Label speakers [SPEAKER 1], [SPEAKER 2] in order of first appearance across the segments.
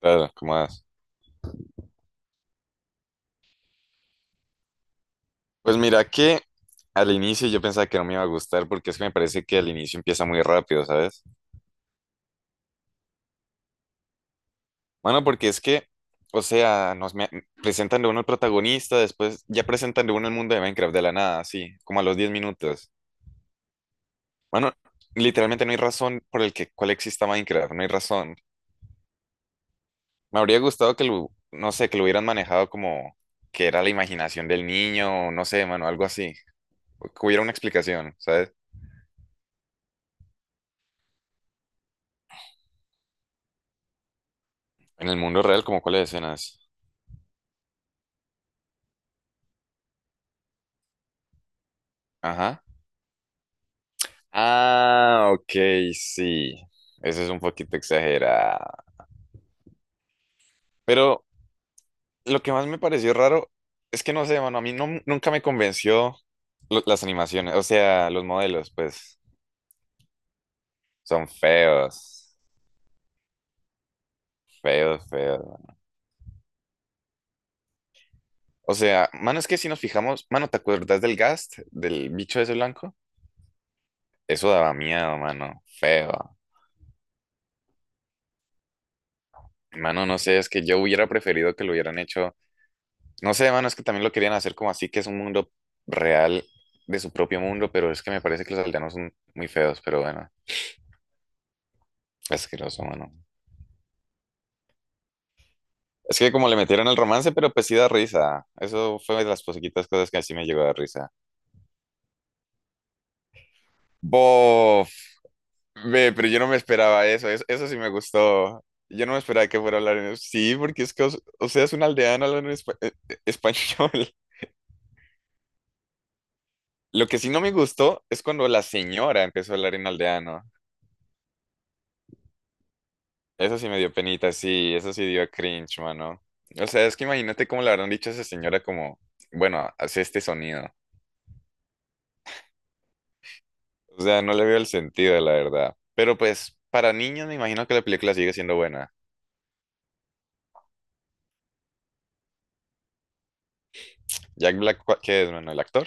[SPEAKER 1] Claro, ¿cómo vas? Pues mira que al inicio yo pensaba que no me iba a gustar porque es que me parece que al inicio empieza muy rápido, ¿sabes? Bueno, porque es que, o sea, presentan de uno el protagonista, después ya presentan de uno el mundo de Minecraft de la nada, así, como a los 10 minutos. Bueno, literalmente no hay razón por el que cuál exista Minecraft, no hay razón. Me habría gustado que lo, no sé, que lo hubieran manejado como que era la imaginación del niño, o no sé, mano, algo así. Que hubiera una explicación, ¿sabes? En el mundo real, como cuáles escenas. Ajá. Ah, ok, sí. Eso es un poquito exagerado. Pero lo que más me pareció raro es que no sé, mano, a mí no- nunca me convenció las animaciones, o sea, los modelos, pues son feos, feos, feos. O sea, mano, es que si nos fijamos, mano, ¿te acuerdas del Gast, del bicho ese blanco? Eso daba miedo, mano, feo. Mano, no sé, es que yo hubiera preferido que lo hubieran hecho. No sé, mano, es que también lo querían hacer como así, que es un mundo real de su propio mundo, pero es que me parece que los aldeanos son muy feos, pero bueno, asqueroso, mano. Es que como le metieron el romance, pero pues sí da risa. Eso fue de las poquitas cosas que así me llegó a dar risa. Bof, ve, pero yo no me esperaba eso, eso, eso sí me gustó. Yo no me esperaba que fuera a hablar en... Sí, porque es que, o, sea, es un aldeano hablando en español. Lo que sí no me gustó es cuando la señora empezó a hablar en aldeano. Eso sí me dio penita, sí, eso sí dio cringe, mano. O sea, es que imagínate cómo le habrán dicho a esa señora como, bueno, hace este sonido. O sea, no le veo el sentido, la verdad. Pero pues, para niños me imagino que la película sigue siendo buena. Jack Black, ¿qué es, mano? El actor,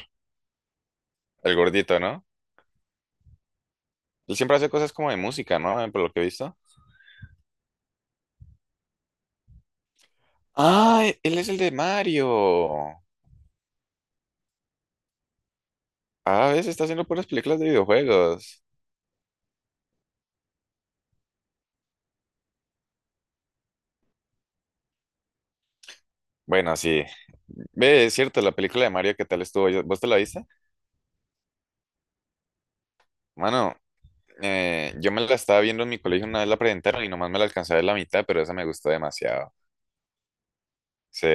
[SPEAKER 1] el gordito, ¿no? Él siempre hace cosas como de música, ¿no? Por lo que he visto. Ah, él es el de Mario. A veces está haciendo puras películas de videojuegos. Bueno, sí. Ve, es cierto, la película de Mario, ¿qué tal estuvo? ¿Vos te la viste? Mano, yo me la estaba viendo en mi colegio una vez la presentaron y nomás me la alcanzaba en la mitad, pero esa me gustó demasiado. Sí,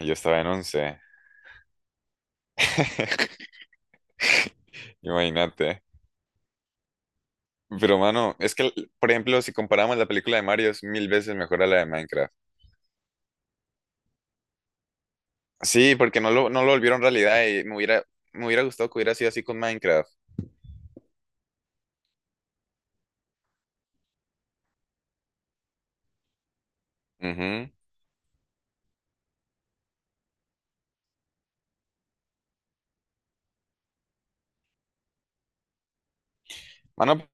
[SPEAKER 1] yo estaba en once. Imagínate. Pero mano, es que, por ejemplo, si comparamos la película de Mario es mil veces mejor a la de Minecraft. Sí, porque no lo volvieron realidad y me hubiera gustado que hubiera sido así con Minecraft. Ujú. Mano,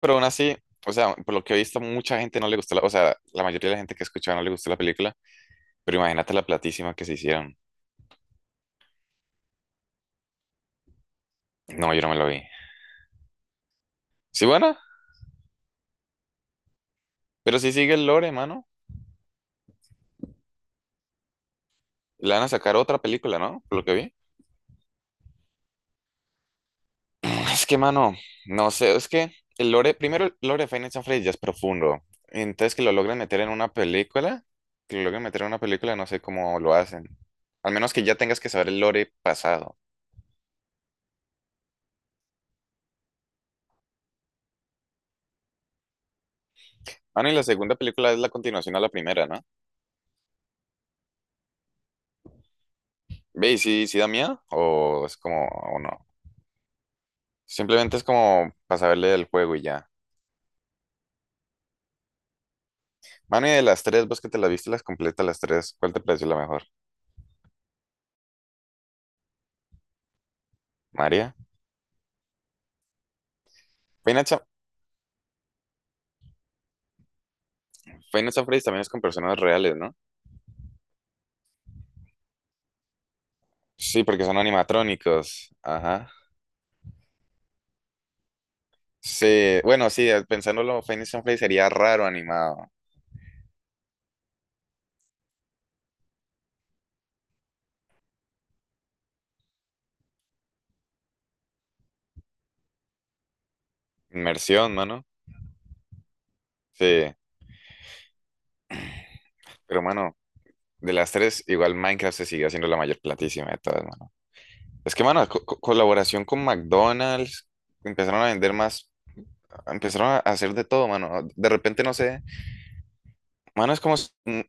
[SPEAKER 1] pero aún así, o sea, por lo que he visto, mucha gente no le gustó la, o sea, la mayoría de la gente que escuchaba no le gustó la película, pero imagínate la platísima que se hicieron. No, yo no me lo vi. Sí, bueno. Pero si sigue el lore, mano, le van a sacar otra película, ¿no? Por lo que vi. Es que, mano, no sé, es que el lore, primero el lore de Five Nights at Freddy's ya es profundo. Entonces que lo logren meter en una película, que lo logren meter en una película, no sé cómo lo hacen. Al menos que ya tengas que saber el lore pasado. Mano, y la segunda película es la continuación a la primera, ¿no? Ve, ¿y si da miedo? ¿O es como, o no? Simplemente es como para saberle del juego y ya. Mano, y de las tres, vos que te las viste las completas las tres, ¿cuál te pareció la mejor? ¿María? Five Nights. Final Freddy también es con personas reales, ¿no? Sí, porque son animatrónicos. Ajá. Sí, bueno, sí, pensándolo, Final Freddy sería raro animado. Inmersión, mano. Sí, pero mano, de las tres, igual Minecraft se sigue haciendo la mayor platísima de todas, mano. Es que, mano, colaboración con McDonald's, empezaron a vender más, empezaron a hacer de todo, mano. De repente, no sé, mano, es como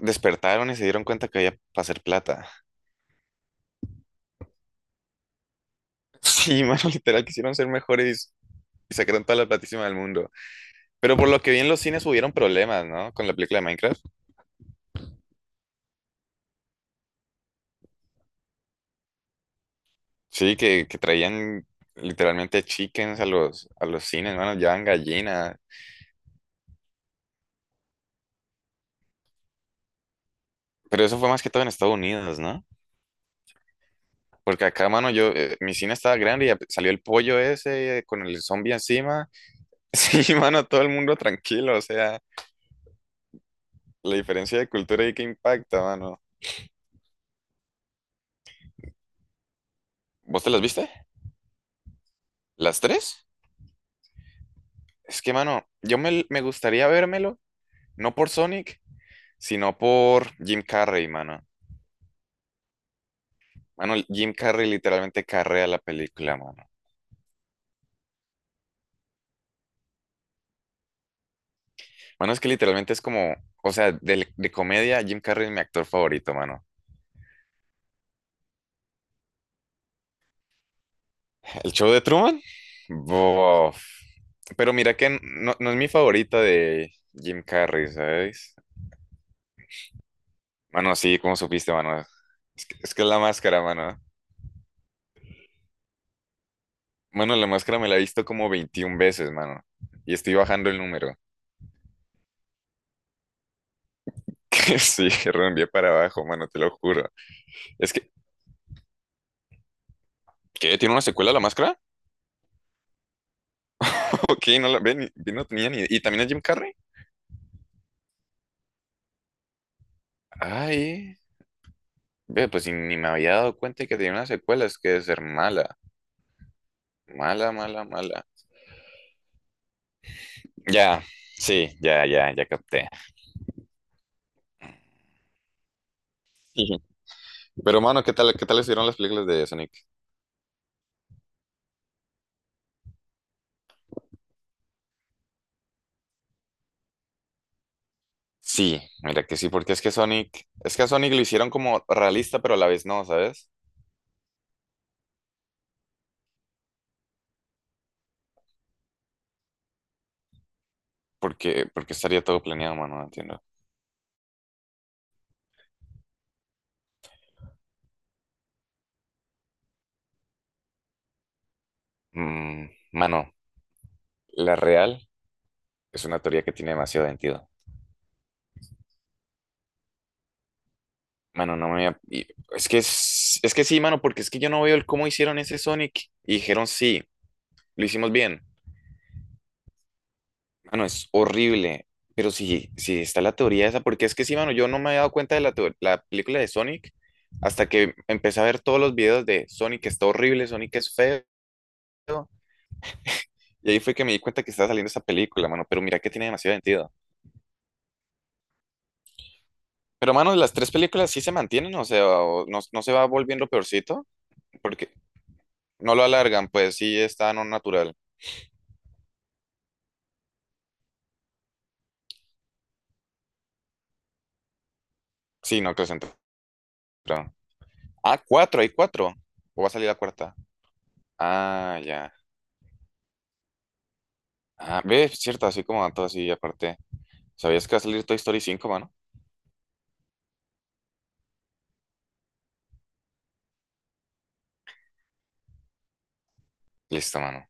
[SPEAKER 1] despertaron y se dieron cuenta que había para hacer plata. Sí, mano, literal, quisieron ser mejores y sacaron toda la platísima del mundo. Pero por lo que vi en los cines hubieron problemas, ¿no? Con la película de Minecraft. Sí, que traían literalmente chickens a a los cines, mano, llevaban gallinas. Pero eso fue más que todo en Estados Unidos, ¿no? Porque acá, mano, yo, mi cine estaba grande y salió el pollo ese con el zombie encima. Sí, mano, todo el mundo tranquilo, o sea, la diferencia de cultura ahí que impacta, mano. ¿Vos te las viste? ¿Las tres? Es que, mano, me gustaría vérmelo, no por Sonic, sino por Jim Carrey, mano. Mano, Jim Carrey literalmente carrea la película, mano. Mano, es que literalmente es como, o sea, de comedia, Jim Carrey es mi actor favorito, mano. ¿El show de Truman? Bof. Pero mira que no, no es mi favorita de Jim Carrey, ¿sabes? Mano, sí, ¿cómo supiste, mano? Es que es la máscara, mano. Mano, la máscara me la he visto como 21 veces, mano. Y estoy bajando el número. Que sí, reenvié para abajo, mano, te lo juro. Es que, ¿qué? ¿Tiene una secuela la máscara? Ok, no la ven, no tenía ni... idea. ¿Y también es Jim Carrey? Ay, ve, pues ni me había dado cuenta que tenía una secuela, es que debe ser mala. Mala, mala, mala. Ya, sí, ya, ya, ya capté. Ujú. Pero, mano, qué tal estuvieron las películas de Sonic? Sí, mira que sí, porque es que Sonic, es que a Sonic lo hicieron como realista, pero a la vez no, ¿sabes? Porque estaría todo planeado, mano, no entiendo. Mm, mano, la real es una teoría que tiene demasiado sentido. Mano, no me y- es que, es que sí, mano, porque es que yo no veo el cómo hicieron ese Sonic. Y dijeron sí. Lo hicimos bien. Mano, es horrible. Pero sí, sí está la teoría esa, porque es que sí, mano, yo no me había dado cuenta de la, la película de Sonic hasta que empecé a ver todos los videos de Sonic está horrible, Sonic es feo. Y ahí fue que me di cuenta que estaba saliendo esa película, mano. Pero mira que tiene demasiado sentido. Pero, mano, las tres películas sí se mantienen, o sea, o no, se va volviendo peorcito, porque no lo alargan, pues sí está no natural. Sí, no, que centro. Ah, cuatro, hay cuatro. ¿O va a salir la cuarta? Ah, ya. Ah, ve, cierto, así como dato así, aparte. ¿Sabías que va a salir Toy Story 5, mano? Listo, mano.